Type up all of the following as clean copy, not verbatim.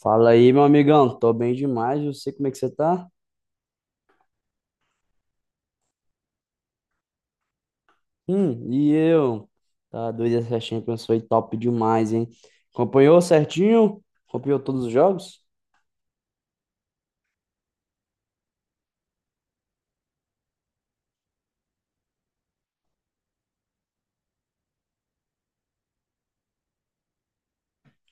Fala aí, meu amigão. Tô bem demais. Eu sei como é que você tá? E eu? Tá doido, essa Champions foi top demais, hein? Acompanhou certinho? Acompanhou todos os jogos?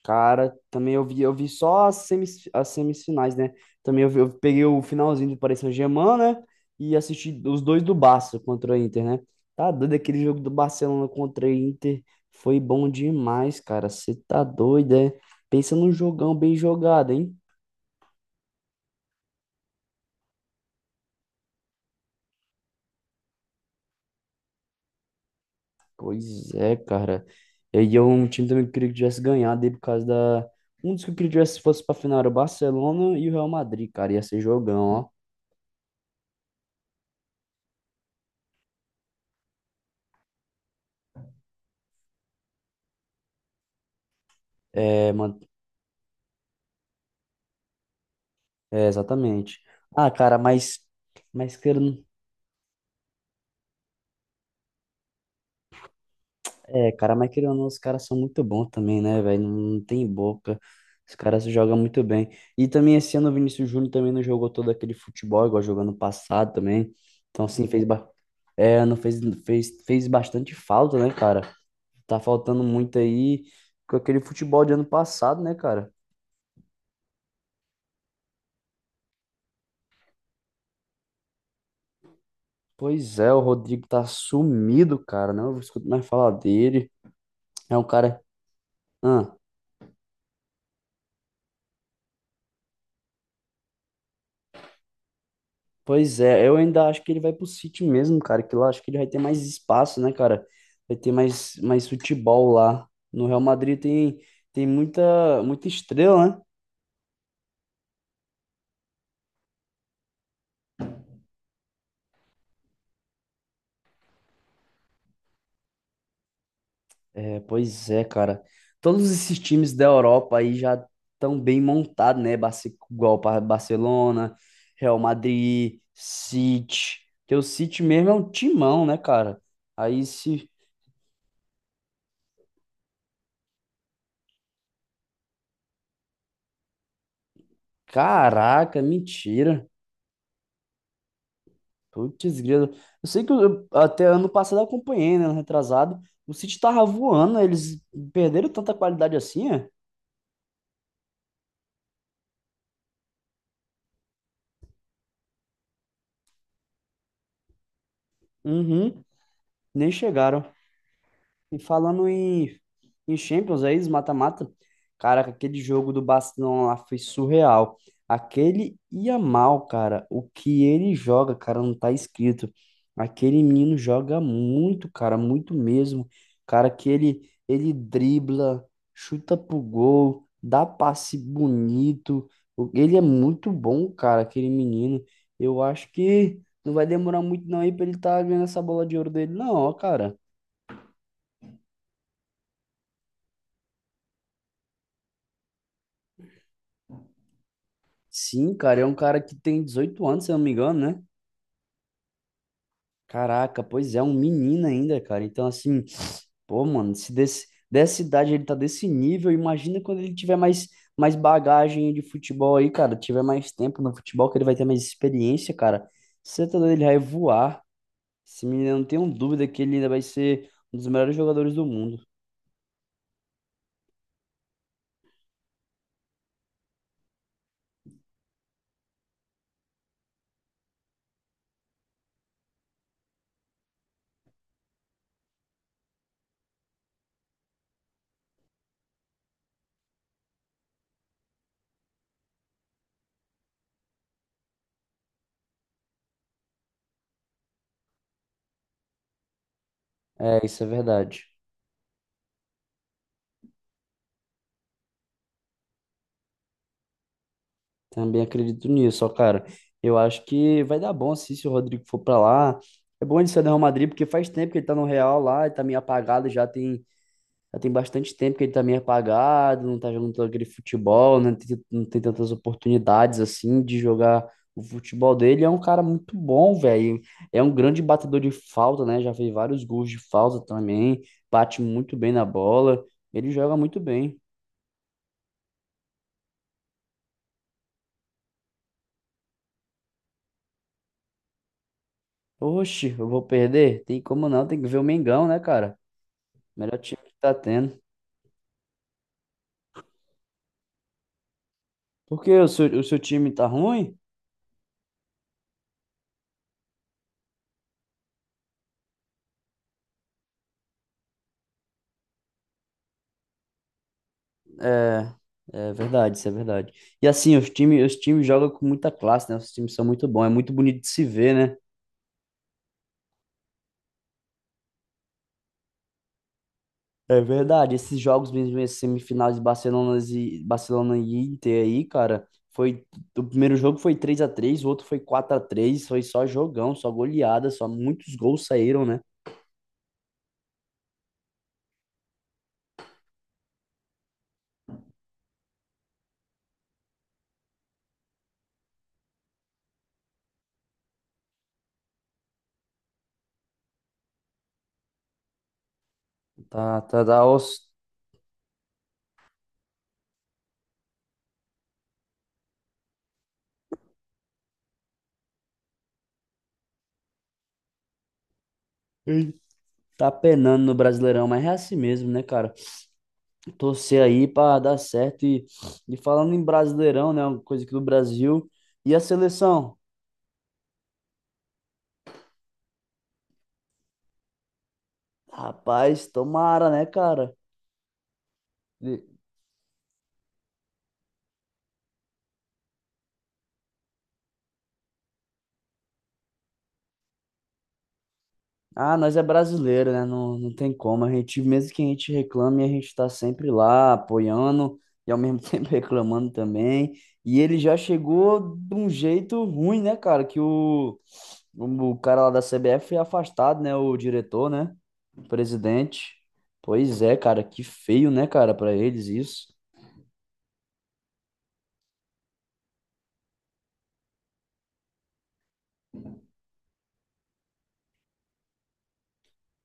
Cara, também eu vi só as semifinais, né? Também eu peguei o finalzinho do Paris Saint-Germain, né? E assisti os dois do Barça contra o Inter, né? Tá doido aquele jogo do Barcelona contra o Inter. Foi bom demais, cara. Você tá doido, é? Pensa num jogão bem jogado, hein? Pois é, cara. E aí eu, um time também que eu queria que tivesse ganhado aí por causa da. Um dos que eu queria que tivesse fosse pra final era o Barcelona e o Real Madrid, cara. Ia ser jogão, ó. É, mano. É, exatamente. Ah, cara, mas. Mas querendo. É, cara, mas querendo ou não, os caras são muito bons também, né, velho? Não, não tem boca. Os caras jogam muito bem. E também esse ano o Vinícius Júnior também não jogou todo aquele futebol, igual jogou no passado também. Então, assim, É, não fez bastante falta, né, cara? Tá faltando muito aí com aquele futebol de ano passado, né, cara? Pois é, o Rodrigo tá sumido, cara. Não escuto mais falar dele. É um cara. Ah, pois é, eu ainda acho que ele vai pro City mesmo, cara. Que lá acho que ele vai ter mais espaço, né, cara? Vai ter mais futebol lá. No Real Madrid tem muita, muita estrela, né? É, pois é, cara. Todos esses times da Europa aí já estão bem montados, né? Igual para Barcelona, Real Madrid, City. Porque o City mesmo é um timão, né, cara? Aí se. Caraca, mentira. Putz, grilo. Eu sei que até ano passado eu acompanhei, né? Ano retrasado. O City tava voando, né? Eles perderam tanta qualidade assim, é? Uhum, nem chegaram. E falando em Champions aí, os mata-mata, caraca, aquele jogo do Barcelona lá foi surreal. Aquele Yamal, cara, o que ele joga, cara, não tá escrito. Aquele menino joga muito, cara, muito mesmo. Cara, que ele dribla, chuta pro gol, dá passe bonito. Ele é muito bom, cara, aquele menino. Eu acho que não vai demorar muito não aí pra ele tá ganhando essa bola de ouro dele, não, ó, cara. Sim, cara, é um cara que tem 18 anos, se eu não me engano, né? Caraca, pois é, um menino ainda, cara. Então, assim, pô, mano, se desse, dessa idade ele tá desse nível, imagina quando ele tiver mais bagagem de futebol aí, cara. Tiver mais tempo no futebol, que ele vai ter mais experiência, cara. Você tá doido, ele vai voar. Esse menino, eu não tenho dúvida que ele ainda vai ser um dos melhores jogadores do mundo. É, isso é verdade. Também acredito nisso, ó, cara. Eu acho que vai dar bom assim, se o Rodrigo for pra lá. É bom ele ser do Real Madrid, porque faz tempo que ele tá no Real lá, ele tá meio apagado, já tem bastante tempo que ele tá meio apagado, não tá jogando todo aquele futebol, né? Não tem tantas oportunidades assim de jogar o futebol dele. É um cara muito bom, velho. É um grande batedor de falta, né? Já fez vários gols de falta também, bate muito bem na bola, ele joga muito bem. Oxe, eu vou perder? Tem como não, tem que ver o Mengão, né, cara? Melhor time que tá tendo. Porque o seu time tá ruim? É, é verdade, isso é verdade. E assim, os times jogam com muita classe, né? Os times são muito bons, é muito bonito de se ver, né? É verdade. Esses jogos mesmo, esses semifinais de Barcelona e Inter aí, cara, foi. O primeiro jogo foi 3-3, o outro foi 4-3. Foi só jogão, só goleada, só muitos gols saíram, né? Tá, tá, tá, ei. Tá penando no Brasileirão, mas é assim mesmo, né, cara? Torcer aí para dar certo. E falando em Brasileirão, né? Uma coisa aqui do Brasil. E a seleção? Rapaz, tomara, né, cara? Ah, nós é brasileiro, né? Não, não tem como. A gente, mesmo que a gente reclame, a gente tá sempre lá apoiando e ao mesmo tempo reclamando também. E ele já chegou de um jeito ruim, né, cara? Que o cara lá da CBF foi afastado, né? O diretor, né? O presidente. Pois é, cara, que feio, né, cara, pra eles isso.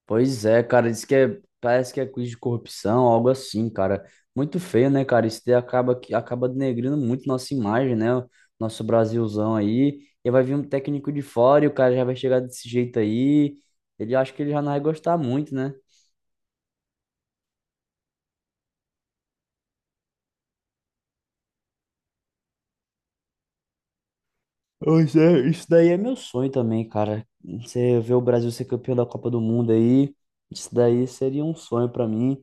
Pois é, cara, diz que é, parece que é quiz de corrupção, algo assim, cara. Muito feio, né, cara? Isso daí acaba, acaba denegrindo muito nossa imagem, né? Nosso Brasilzão aí. E vai vir um técnico de fora e o cara já vai chegar desse jeito aí. Ele acha que ele já não vai gostar muito, né? Pois é, isso daí é meu sonho também, cara. Você ver o Brasil ser campeão da Copa do Mundo aí, isso daí seria um sonho pra mim.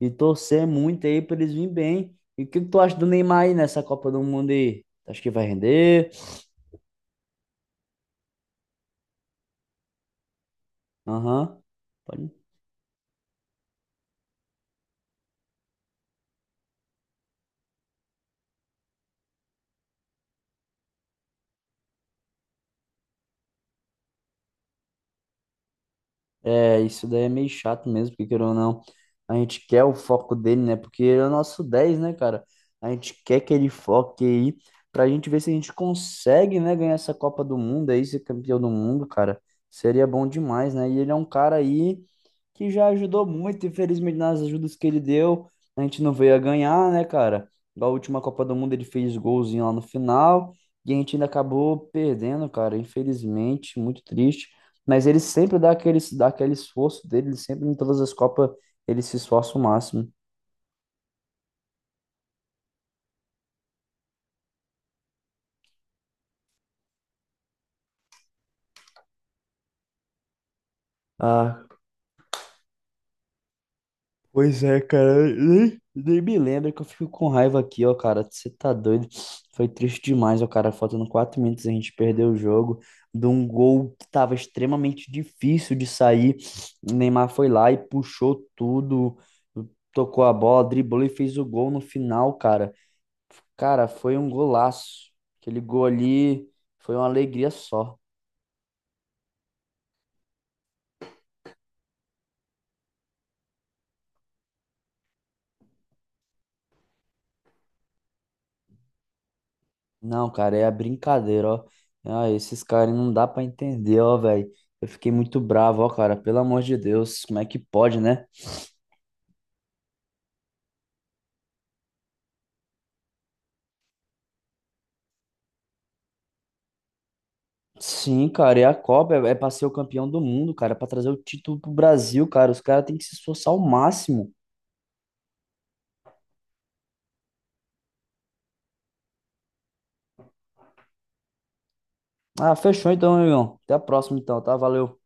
E torcer muito aí pra eles virem bem. E o que que tu acha do Neymar aí nessa Copa do Mundo aí? Acho que vai render? Aham. Pode. É, isso daí é meio chato mesmo, porque querendo ou não, a gente quer o foco dele, né? Porque ele é o nosso 10, né, cara? A gente quer que ele foque aí pra gente ver se a gente consegue, né, ganhar essa Copa do Mundo aí, ser campeão do mundo, cara. Seria bom demais, né? E ele é um cara aí que já ajudou muito, infelizmente nas ajudas que ele deu, a gente não veio a ganhar, né, cara? Na última Copa do Mundo ele fez golzinho lá no final e a gente ainda acabou perdendo, cara. Infelizmente, muito triste. Mas ele sempre dá aquele esforço dele, ele sempre em todas as Copas ele se esforça o máximo. Ah, pois é, cara. Eu nem me lembro, que eu fico com raiva aqui, ó, cara. Você tá doido? Foi triste demais, ó, cara. Faltando 4 minutos a gente perdeu o jogo de um gol que tava extremamente difícil de sair. O Neymar foi lá e puxou tudo, tocou a bola, driblou e fez o gol no final, cara. Cara, foi um golaço. Aquele gol ali foi uma alegria só. Não, cara, é a brincadeira, ó. Ah, esses caras não dá pra entender, ó, velho. Eu fiquei muito bravo, ó, cara. Pelo amor de Deus, como é que pode, né? Sim, cara, e a Copa é pra ser o campeão do mundo, cara. É pra trazer o título pro Brasil, cara. Os caras têm que se esforçar ao máximo. Ah, fechou então, meu irmão. Até a próxima então, tá? Valeu.